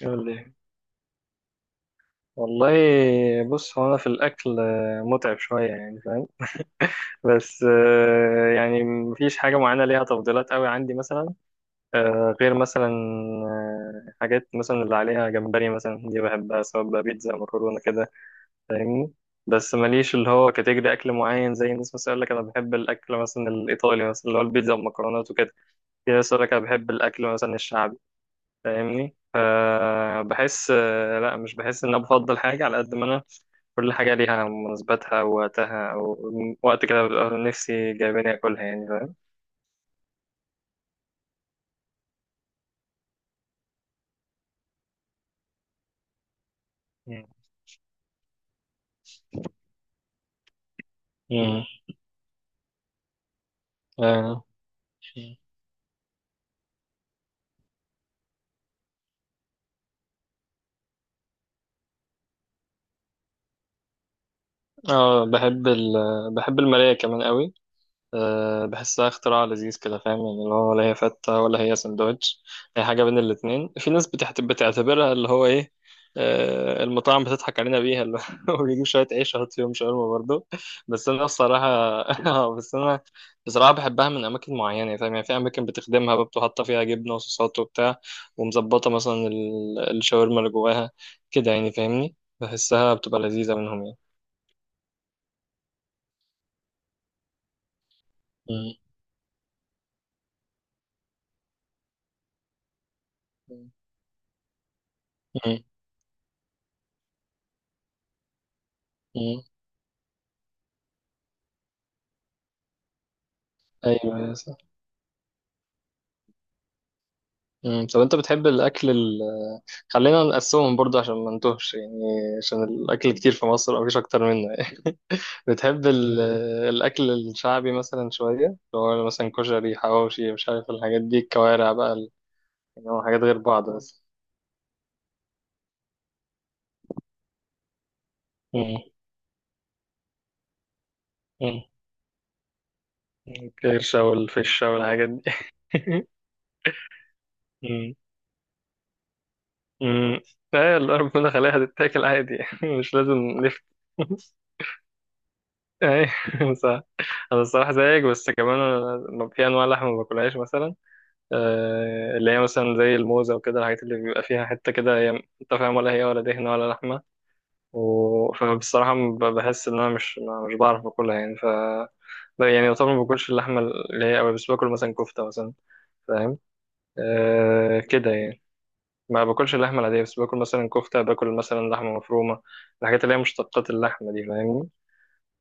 يقول لي والله. بص، هو انا في الاكل متعب شويه، يعني فاهم. بس يعني مفيش حاجه معينه ليها تفضيلات قوي عندي مثلا، غير مثلا حاجات مثلا اللي عليها جمبري مثلا دي بحبها، سواء بقى بيتزا، مكرونه كده، فاهمني؟ بس ماليش اللي هو كاتيجري اكل معين، زي الناس مثلا يقول لك انا بحب الاكل مثلا الايطالي مثلا اللي هو البيتزا والمكرونات وكده. في ناس يقول لك انا بحب الاكل مثلا الشعبي، فاهمني؟ فبحس، لا، مش بحس ان انا بفضل حاجه على قد ما انا كل حاجة ليها مناسباتها ووقتها، ووقت كده ببقى نفسي جايباني أكلها، يعني فاهم؟ مم. مم. آه. اه بحب ال بحب المراية كمان قوي. أه، بحسها اختراع لذيذ كده، فاهم يعني؟ اللي هو ولا هي فتة ولا هي سندوتش، هي حاجة بين الاتنين. في ناس بتعتبرها اللي هو ايه، أه، المطاعم بتضحك علينا بيها، اللي هو بيجيب شوية عيش يحط فيهم شاورما برضه. بس أنا بصراحة بس أنا بصراحة بحبها من أماكن معينة، فاهم يعني؟ في أماكن بتخدمها بقى، بتبقى حاطة فيها جبنة وصوصات وبتاع، ومظبطة مثلا الشاورما اللي جواها كده، يعني فاهمني؟ بحسها بتبقى لذيذة منهم يعني. م- م- م- م. أيوه. مم. طب انت بتحب الاكل ال... خلينا نقسمهم برضه عشان ما نتوهش يعني، عشان الاكل كتير في مصر، او مفيش اكتر منه يعني. بتحب ال... مم. الاكل الشعبي مثلا شويه، اللي هو مثلا كشري، حواوشي، مش عارف الحاجات دي، الكوارع بقى ال-، يعني هو حاجات غير بعض بس. مم. مم. الكرشه والفشه والحاجات دي. مم. مم. ايه اللي ربنا خليها تتاكل عادي، مش لازم نفت. ايه، صح. انا الصراحه زيك، بس كمان أنا في انواع لحمه ما باكلهاش مثلا، اللي هي مثلا زي الموزة وكده، الحاجات اللي بيبقى فيها حتة كده، هي انت فاهم، ولا هي ولا دهنة ولا لحمة، و... فبصراحة بحس إن أنا مش مش بعرف أكلها، يعني ف يعني طبعا ما باكلش اللحمة اللي هي أوي، بس باكل مثلا كفتة مثلا، فاهم؟ أه كده يعني، ما باكلش اللحمة العادية، بس باكل مثلا كفتة، باكل مثلا لحمة مفرومة، الحاجات اللي هي مشتقات اللحمة دي فاهمني؟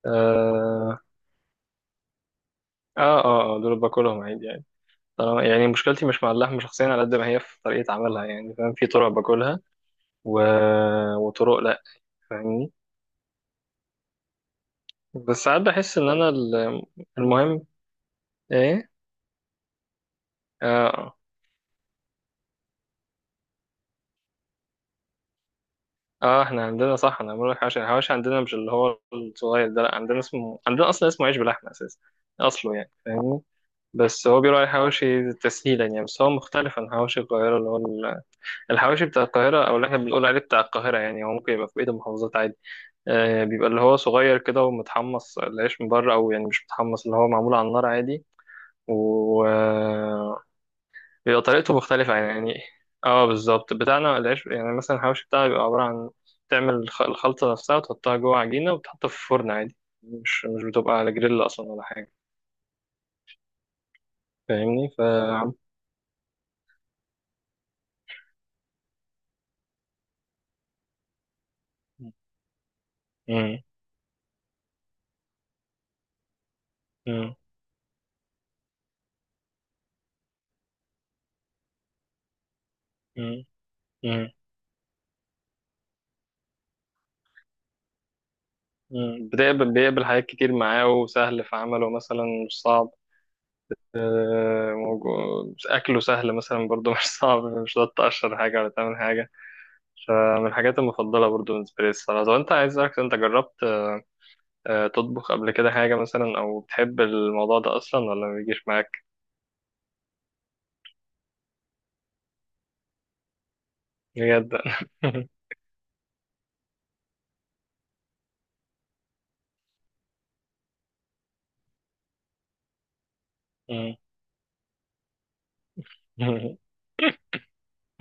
اه اه اه، دول باكلهم عادي يعني. يعني مشكلتي مش مع اللحمة شخصيا، على قد ما هي في طريقة عملها، يعني فاهم؟ في طرق باكلها، و... وطرق لا، فاهمني؟ بس ساعات بحس ان انا ال-، المهم، ايه. اه اه، احنا عندنا صح. انا بقول لك حواشي، الحواشي عندنا مش اللي هو الصغير ده، لا، عندنا اسمه، عندنا اصلا اسمه عيش بلحمه اساسا، اصله يعني فاهمني؟ بس هو بيقولوا عليه حواشي تسهيلا يعني، بس هو مختلف عن حواشي القاهره، اللي هو ال- الحواشي بتاع القاهره، او اللي احنا بنقول عليه بتاع القاهره، يعني هو ممكن يبقى في بقيه المحافظات عادي، آه، بيبقى اللي هو صغير كده، ومتحمص العيش من بره، او يعني مش متحمص، اللي هو معمول على النار عادي، و... بيبقى طريقته مختلفة يعني. اه بالظبط، بتاعنا العيش يعني، مثلا الحواوشي بتاعنا بيبقى عبارة عن، تعمل الخلطة نفسها وتحطها جوه عجينة وتحطها في فرن عادي، مش بتبقى على جريل أصلا ولا حاجة، فاهمني؟ ف مم. مم. مم. مم. مم. بتقبل، بيقبل حاجات كتير معاه، وسهل في عمله مثلا، مش صعب، موجو- أكله سهل مثلا برضو، مش صعب، مش هتقعد تقشر حاجة ولا تعمل حاجة، فمن الحاجات المفضلة برضو بالنسبة لي الصراحة. طب أنت، عايز أسألك، أنت جربت تطبخ قبل كده حاجة مثلا، أو بتحب الموضوع ده أصلا ولا ما بيجيش معاك؟ بجد؟ مم.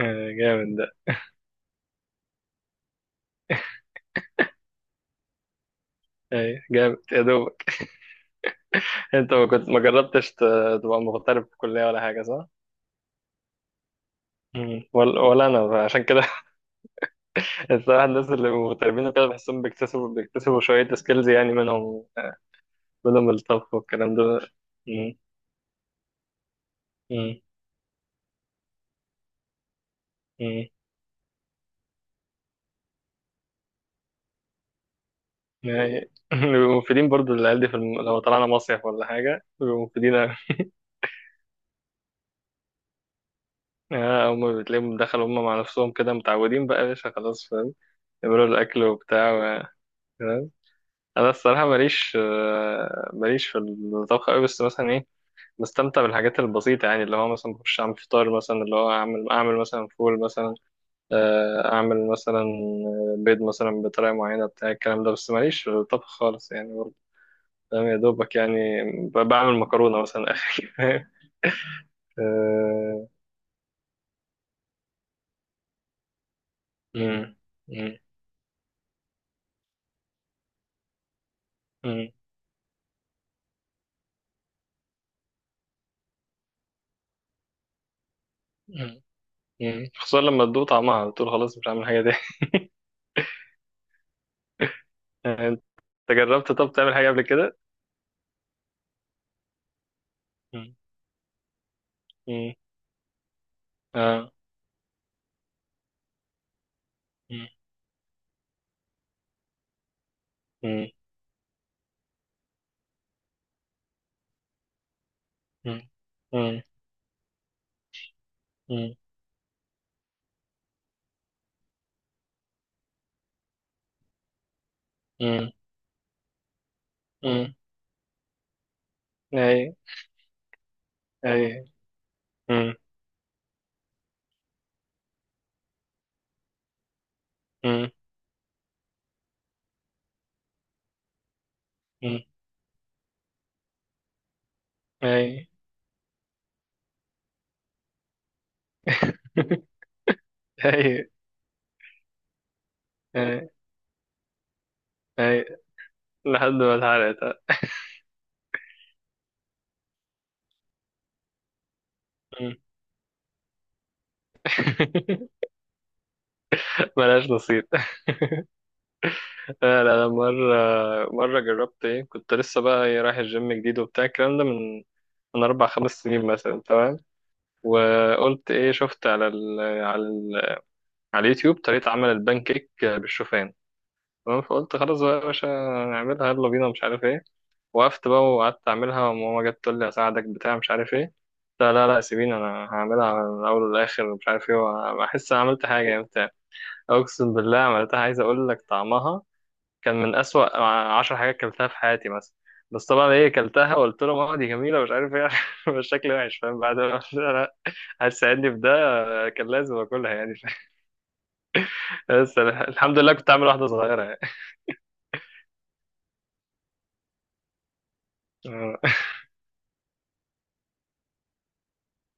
جامد ده. أي جامد يا دوبك. أنت ما كنت، ما جربتش ت- تبقى مغترب في الكلية ولا حاجة صح؟ مم. ولا أنا عشان كده. الصراحة، الناس اللي مغتربين وكده بحسهم بيكتسبوا شوية سكيلز يعني، منهم منهم الطبخ والكلام ده. مم. مم. مم. يعني بيبقوا مفيدين برضو للعيال دي في لو طلعنا مصيف ولا حاجة بيبقوا مفيدين. هما بتلاقيهم دخلوا هما مع نفسهم كده متعودين بقى، يا باشا خلاص فاهم؟ يعملوا الأكل وبتاع، و- فاهم. أنا الصراحة ماليش، ماليش في الطبخ أوي، بس مثلا إيه، بستمتع بالحاجات البسيطة، يعني اللي هو مثلا بخش أعمل فطار مثلا، اللي هو أعمل، أعمل مثلا فول مثلا، أعمل مثلا بيض مثلا بطريقة معينة، بتاع الكلام ده، بس ماليش في الطبخ خالص يعني برضه، فاهم يا دوبك يعني؟ بعمل مكرونة مثلا آخر. آه، مم، مم، مم، مم. خصوصا لما تدوق طعمها بتقول خلاص مش هعمل حاجة تاني. انت جربت، طب تعمل حاجة قبل كده؟ مم. مم. اه. مم. مم. مم. مم. مم. مم. مم. اي. اي. مم. مم. مم. اي. اي. اي. اي. لحد ما اتحرقت. مم. ملهاش نصيب. لا لا، أنا مرة جربت ايه، كنت لسه بقى إيه، رايح الجيم جديد وبتاع الكلام ده، من من 4 أو 5 سنين مثلا، تمام؟ وقلت ايه، شفت على ال على ال على اليوتيوب طريقة عمل البان كيك بالشوفان، تمام؟ فقلت خلاص بقى يا باشا نعملها يلا بينا، مش عارف ايه، وقفت بقى وقعدت اعملها، وماما جت تقول لي اساعدك، بتاع مش عارف ايه، لا لا لا سيبيني انا هعملها من الاول للاخر، مش عارف ايه، واحس انا عملت حاجه يعني بتاع. اقسم بالله عملتها، عايز اقول لك طعمها كان من اسوأ 10 حاجات كلتها في حياتي مثلا. بس طبعا ايه، كلتها وقلت له ماما دي جميله مش عارف ايه، بس شكلي وحش فاهم، بعد ما قلت لها لا، هتساعدني في ده، كان لازم اكلها يعني. بس أنا الحمد لله كنت عامل واحده صغيره يعني. آه.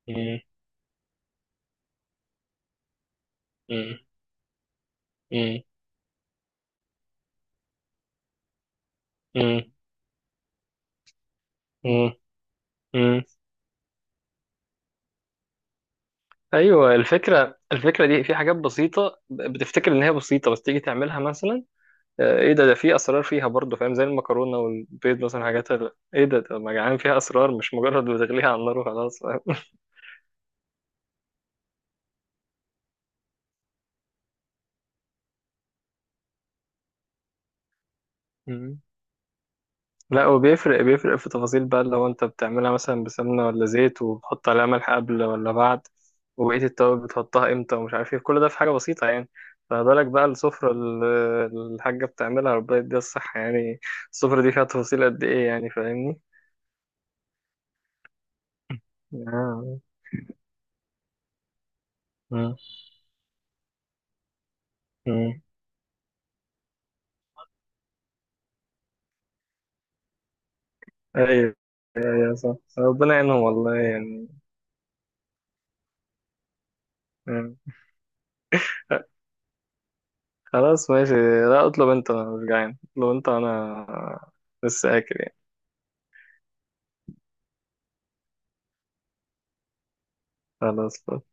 مم. مم. مم. مم. مم. مم. ايوه الفكره دي في حاجات بسيطه، بتفتكر ان هي بسيطه، بس تيجي تعملها مثلا، ايه، ده في اسرار فيها برضه فاهم، زي المكرونه والبيض مثلا، حاجات ال- ايه ده ما جعان فيها اسرار، مش مجرد بتغليها على النار وخلاص فاهم. لا، هو بيفرق في تفاصيل بقى، لو انت بتعملها مثلا بسمنة ولا زيت، وبتحط عليها ملح قبل ولا بعد، وبقية التوابل بتحطها امتى، ومش عارف ايه، كل ده في حاجة بسيطة يعني، فبالك بقى السفرة اللي الحاجة بتعملها، ربنا يديها الصحة يعني، السفرة دي فيها تفاصيل قد ايه يعني فاهمني؟ آه. مم. مم. ايوه. يا صح، ربنا يعينهم والله يعني. مم. خلاص ماشي، لا اطلب انت، انا مش جعان، اطلب انت، انا لسه اكل يعني، خلاص.